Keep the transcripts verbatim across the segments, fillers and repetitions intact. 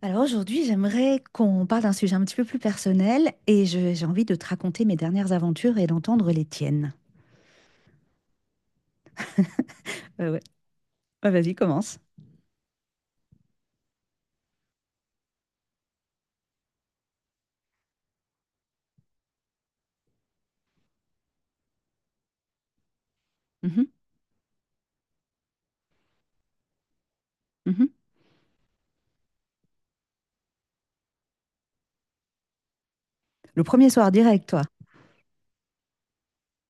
Alors aujourd'hui, j'aimerais qu'on parle d'un sujet un petit peu plus personnel et je- j'ai envie de te raconter mes dernières aventures et d'entendre les tiennes. Ouais, ouais. Ouais, vas-y, commence. Mhm, mhm. Le premier soir direct, toi.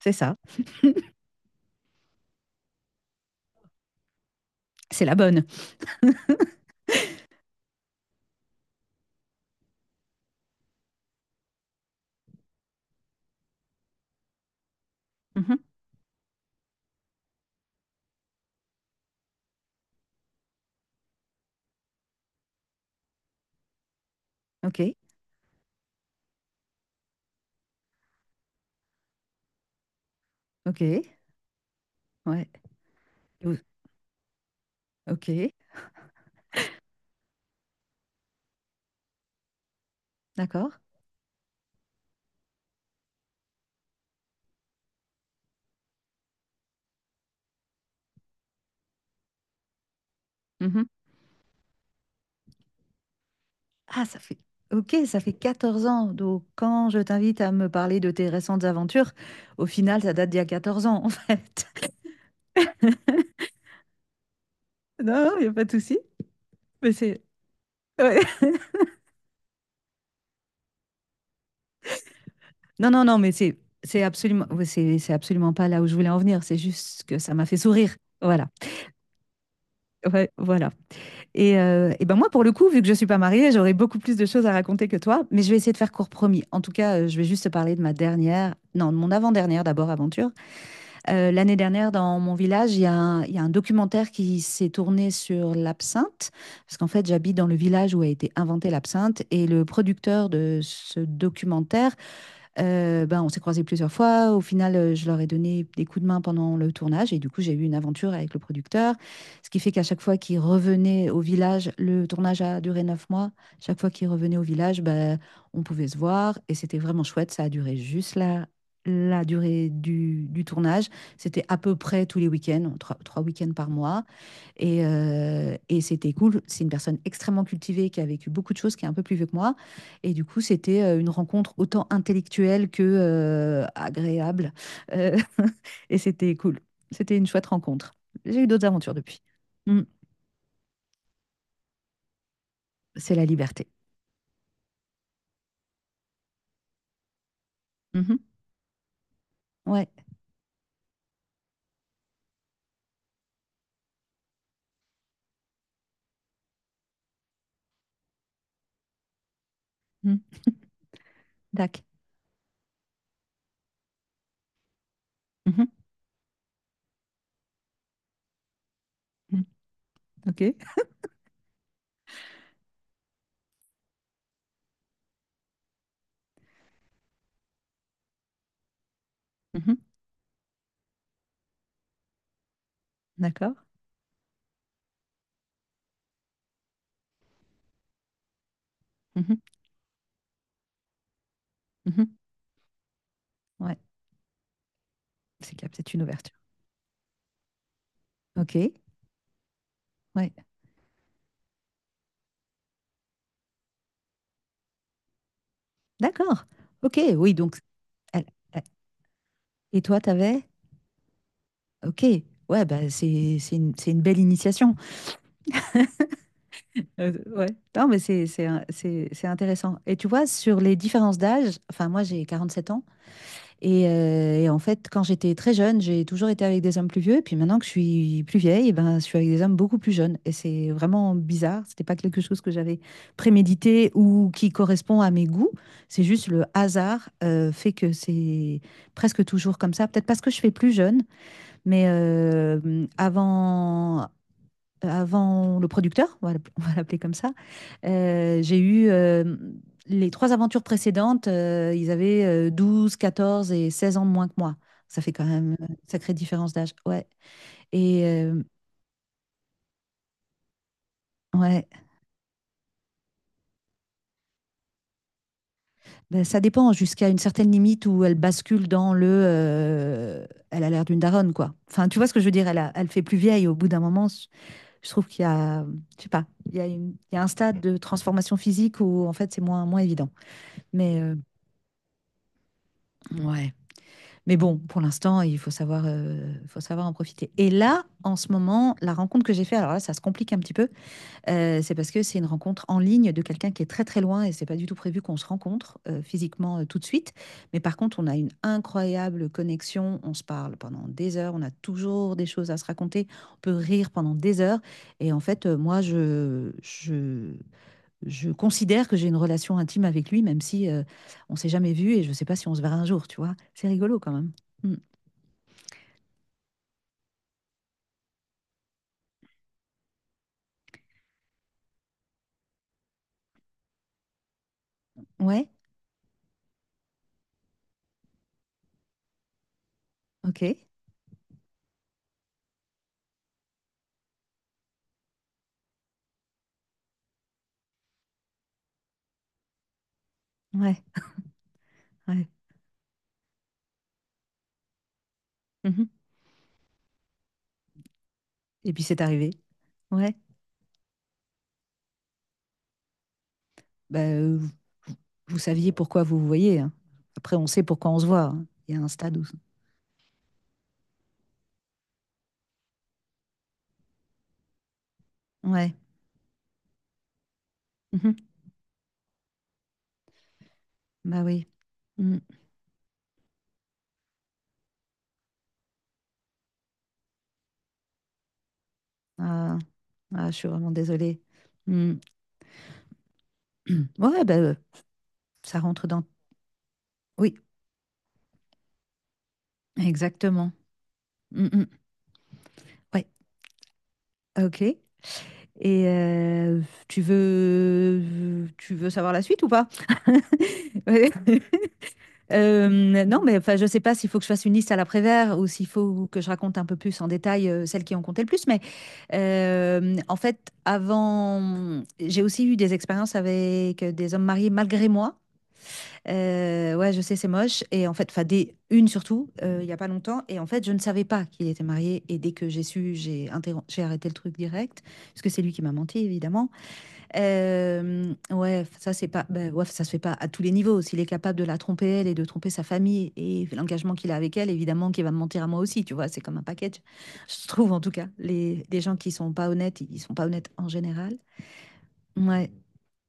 C'est ça. C'est la bonne. Mhm. Ok, ok, ouais. Ou- Ok, d'accord. Mhm. Ah, ça fait... Ok, ça fait quatorze ans. Donc quand je t'invite à me parler de tes récentes aventures, au final, ça date d'il y a quatorze ans, en fait. Non, il n'y a pas de souci. Mais c'est... ouais. Non, non, non, mais c'est c'est absolument, ouais, c'est c'est absolument pas là où je voulais en venir. C'est juste que ça m'a fait sourire. Voilà, ouais, voilà. Et, euh, et ben moi, pour le coup, vu que je suis pas mariée, j'aurais beaucoup plus de choses à raconter que toi, mais je vais essayer de faire court promis. En tout cas, euh, je vais juste te parler de ma dernière, non, de mon avant-dernière d'abord aventure. Euh, l'année dernière, dans mon village, il y a un, il y a un documentaire qui s'est tourné sur l'absinthe, parce qu'en fait, j'habite dans le village où a été inventée l'absinthe, et le producteur de ce documentaire euh, ben, on s'est croisés plusieurs fois. Au final, euh, je leur ai donné des coups de main pendant le tournage et du coup, j'ai eu une aventure avec le producteur. Ce qui fait qu'à chaque fois qu'ils revenaient au village, le tournage a duré neuf mois. Chaque fois qu'ils revenaient au village, ben, on pouvait se voir et c'était vraiment chouette. Ça a duré juste la, la durée du, du tournage. C'était à peu près tous les week-ends, trois, trois week-ends par mois. Et, euh, et c'était cool. C'est une personne extrêmement cultivée qui a vécu beaucoup de choses, qui est un peu plus vieux que moi. Et du coup, c'était euh, une rencontre autant intellectuelle que euh, agréable. Euh, et c'était cool. C'était une chouette rencontre. J'ai eu d'autres aventures depuis. Mm. C'est la liberté. Mhm. Ouais. Mm. Tac. Mhm. Mm. OK. Mhm. D'accord. Mhm. Mhm. Ouais. C'est qu'il y a peut-être une ouverture. OK. Ouais. D'accord. OK. Oui, donc. elle- elle- Et toi, t'avais? Ok, ouais, bah c'est c'est une, c'est une belle initiation. Euh, ouais, non, mais c'est c'est un- c'est- c'est intéressant. Et tu vois, sur les différences d'âge, enfin, moi j'ai quarante sept ans, et, euh, et en fait, quand j'étais très jeune, j'ai toujours été avec des hommes plus vieux, et puis maintenant que je suis plus vieille, eh ben, je suis avec des hommes beaucoup plus jeunes. Et c'est vraiment bizarre, c'était pas quelque chose que j'avais prémédité ou qui correspond à mes goûts, c'est juste le hasard euh, fait que c'est presque toujours comme ça. Peut-être parce que je fais plus jeune. Mais euh, avant, avant le producteur, on va l'appeler comme ça, euh, j'ai eu euh, les trois aventures précédentes, euh, ils avaient euh, douze, quatorze et seize ans de moins que moi. Ça fait quand même une sacrée différence d'âge. Ouais. Et euh, ouais, ben, ça dépend jusqu'à une certaine limite où elle bascule dans le euh, elle a l'air d'une daronne, quoi. Enfin, tu vois ce que je veux dire, elle a- elle fait plus vieille au bout d'un moment. Je je trouve qu'il y a, je sais pas, il y a une- il y a un stade de transformation physique où en fait c'est moins, moins évident. Mais euh, ouais. Mais bon, pour l'instant, il faut savoir, euh, faut savoir en profiter. Et là, en ce moment, la rencontre que j'ai faite, alors là, ça se complique un petit peu, euh, c'est parce que c'est une rencontre en ligne de quelqu'un qui est très très loin et c'est pas du tout prévu qu'on se rencontre euh, physiquement euh, tout de suite. Mais par contre, on a une incroyable connexion, on se parle pendant des heures, on a toujours des choses à se raconter, on peut rire pendant des heures. Et en fait, euh, moi, je, je je considère que j'ai une relation intime avec lui, même si euh, on s'est jamais vu et je ne sais pas si on se verra un jour, tu vois. C'est rigolo quand même. Mm. Ouais, ok. Ouais, ouais. Mhm. Et puis c'est arrivé. Ouais. Ben, euh, vous, vous saviez pourquoi vous vous voyez. Hein. Après, on sait pourquoi on se voit. Hein. Il y a un stade où. Ouais. Mhm. Bah oui. Mm. Ah, ah, je suis vraiment désolée. Mm. Ouais, ben, euh, ça rentre dans. Oui, exactement. Mm, mm. Ouais, ok. Et euh, tu veux, tu veux savoir la suite ou pas? Ouais. Euh, non, mais enfin, je sais pas s'il faut que je fasse une liste à l'après-vert ou s'il faut que je raconte un peu plus en détail euh, celles qui ont compté le plus. Mais euh, en fait, avant, j'ai aussi eu des expériences avec des hommes mariés malgré moi. Euh, ouais, je sais, c'est moche. Et en fait, enfin, des, une surtout, euh, il y a pas longtemps. Et en fait, je ne savais pas qu'il était marié. Et dès que j'ai su, j'ai interrom- j'ai arrêté le truc direct, parce que c'est lui qui m'a menti, évidemment. Hem, ouais, ça c'est pas bah, ouais, ça se fait pas à tous les niveaux. S'il est capable de la tromper elle et de tromper sa famille et l'engagement qu'il a avec elle, évidemment qu'il va me mentir à moi aussi, tu vois? C'est comme un package. Je trouve en tout cas, les les gens qui sont pas honnêtes, ils sont pas honnêtes en général. Ouais.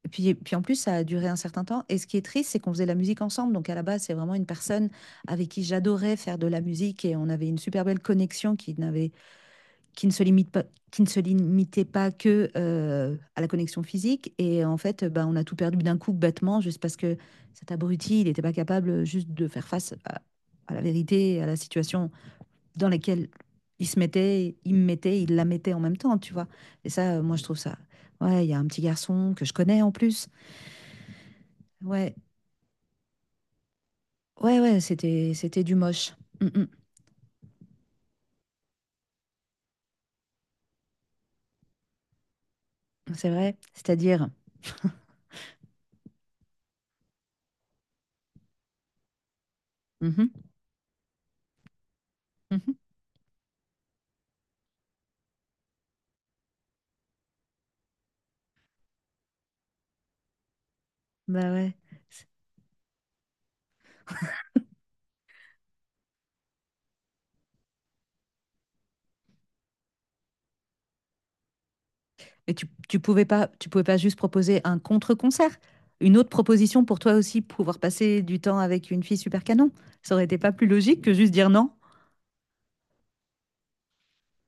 et puis et puis en plus, ça a duré un certain temps, et ce qui est triste, c'est qu'on faisait de la musique ensemble. Donc à la base, c'est vraiment une personne avec qui j'adorais faire de la musique, et on avait une super belle connexion qui n'avait, qui ne se limite pas, qui ne se limitait pas que euh, à la connexion physique. Et en fait bah, on a tout perdu d'un coup bêtement, juste parce que cet abruti, il n'était pas capable juste de faire face à, à, la vérité, à la situation dans laquelle il se mettait, il me mettait, il la mettait en même temps, tu vois. Et ça, moi, je trouve ça... Ouais, il y a un petit garçon que je connais en plus. Ouais, ouais, ouais, c'était c'était du moche. Mm, mm, c'est vrai, c'est-à-dire. Mhm, mhm. Bah ouais. Et tu, tu pouvais pas, tu pouvais pas juste proposer un contre-concert, une autre proposition pour toi aussi pouvoir passer du temps avec une fille super canon. Ça aurait été pas plus logique que juste dire non.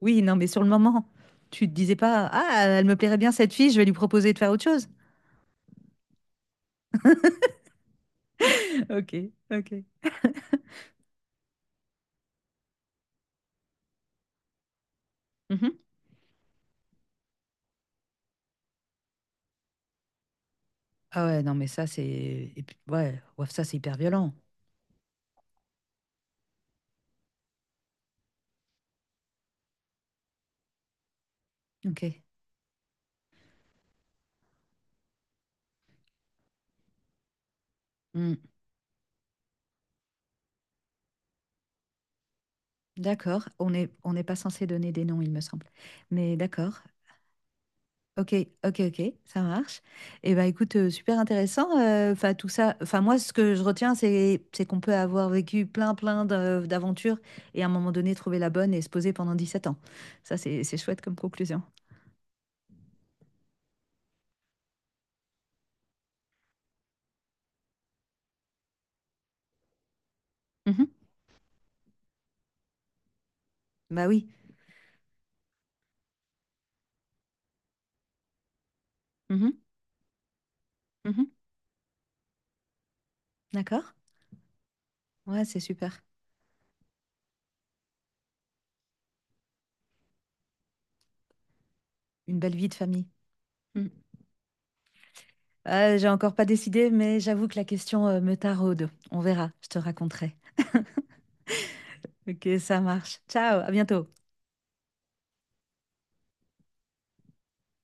Oui, non, mais sur le moment, tu te disais pas, ah, elle me plairait bien cette fille, je vais lui proposer de faire autre chose. Ok, ok. Mhm. Ah ouais, non, mais ça c'est, et puis, ouais, ouais, ça c'est hyper violent. Ok. Hmm. D'accord. On est, on n'est pas censé donner des noms, il me semble. Mais d'accord. Ok, ok, ok, ça marche. Et bah écoute, euh, super intéressant. euh, Enfin tout ça. Enfin moi, ce que je retiens, c'est c'est qu'on peut avoir vécu plein, plein de- d'aventures et à un moment donné trouver la bonne et se poser pendant dix-sept ans. Ça, c'est c'est chouette comme conclusion. Mhm. Bah oui. Mhm, mhm. D'accord. Ouais, c'est super. Une belle vie de famille. Mm. Euh, j'ai encore pas décidé, mais j'avoue que la question euh, me taraude. On verra. Je te raconterai. Ok, ça marche. Ciao, à bientôt.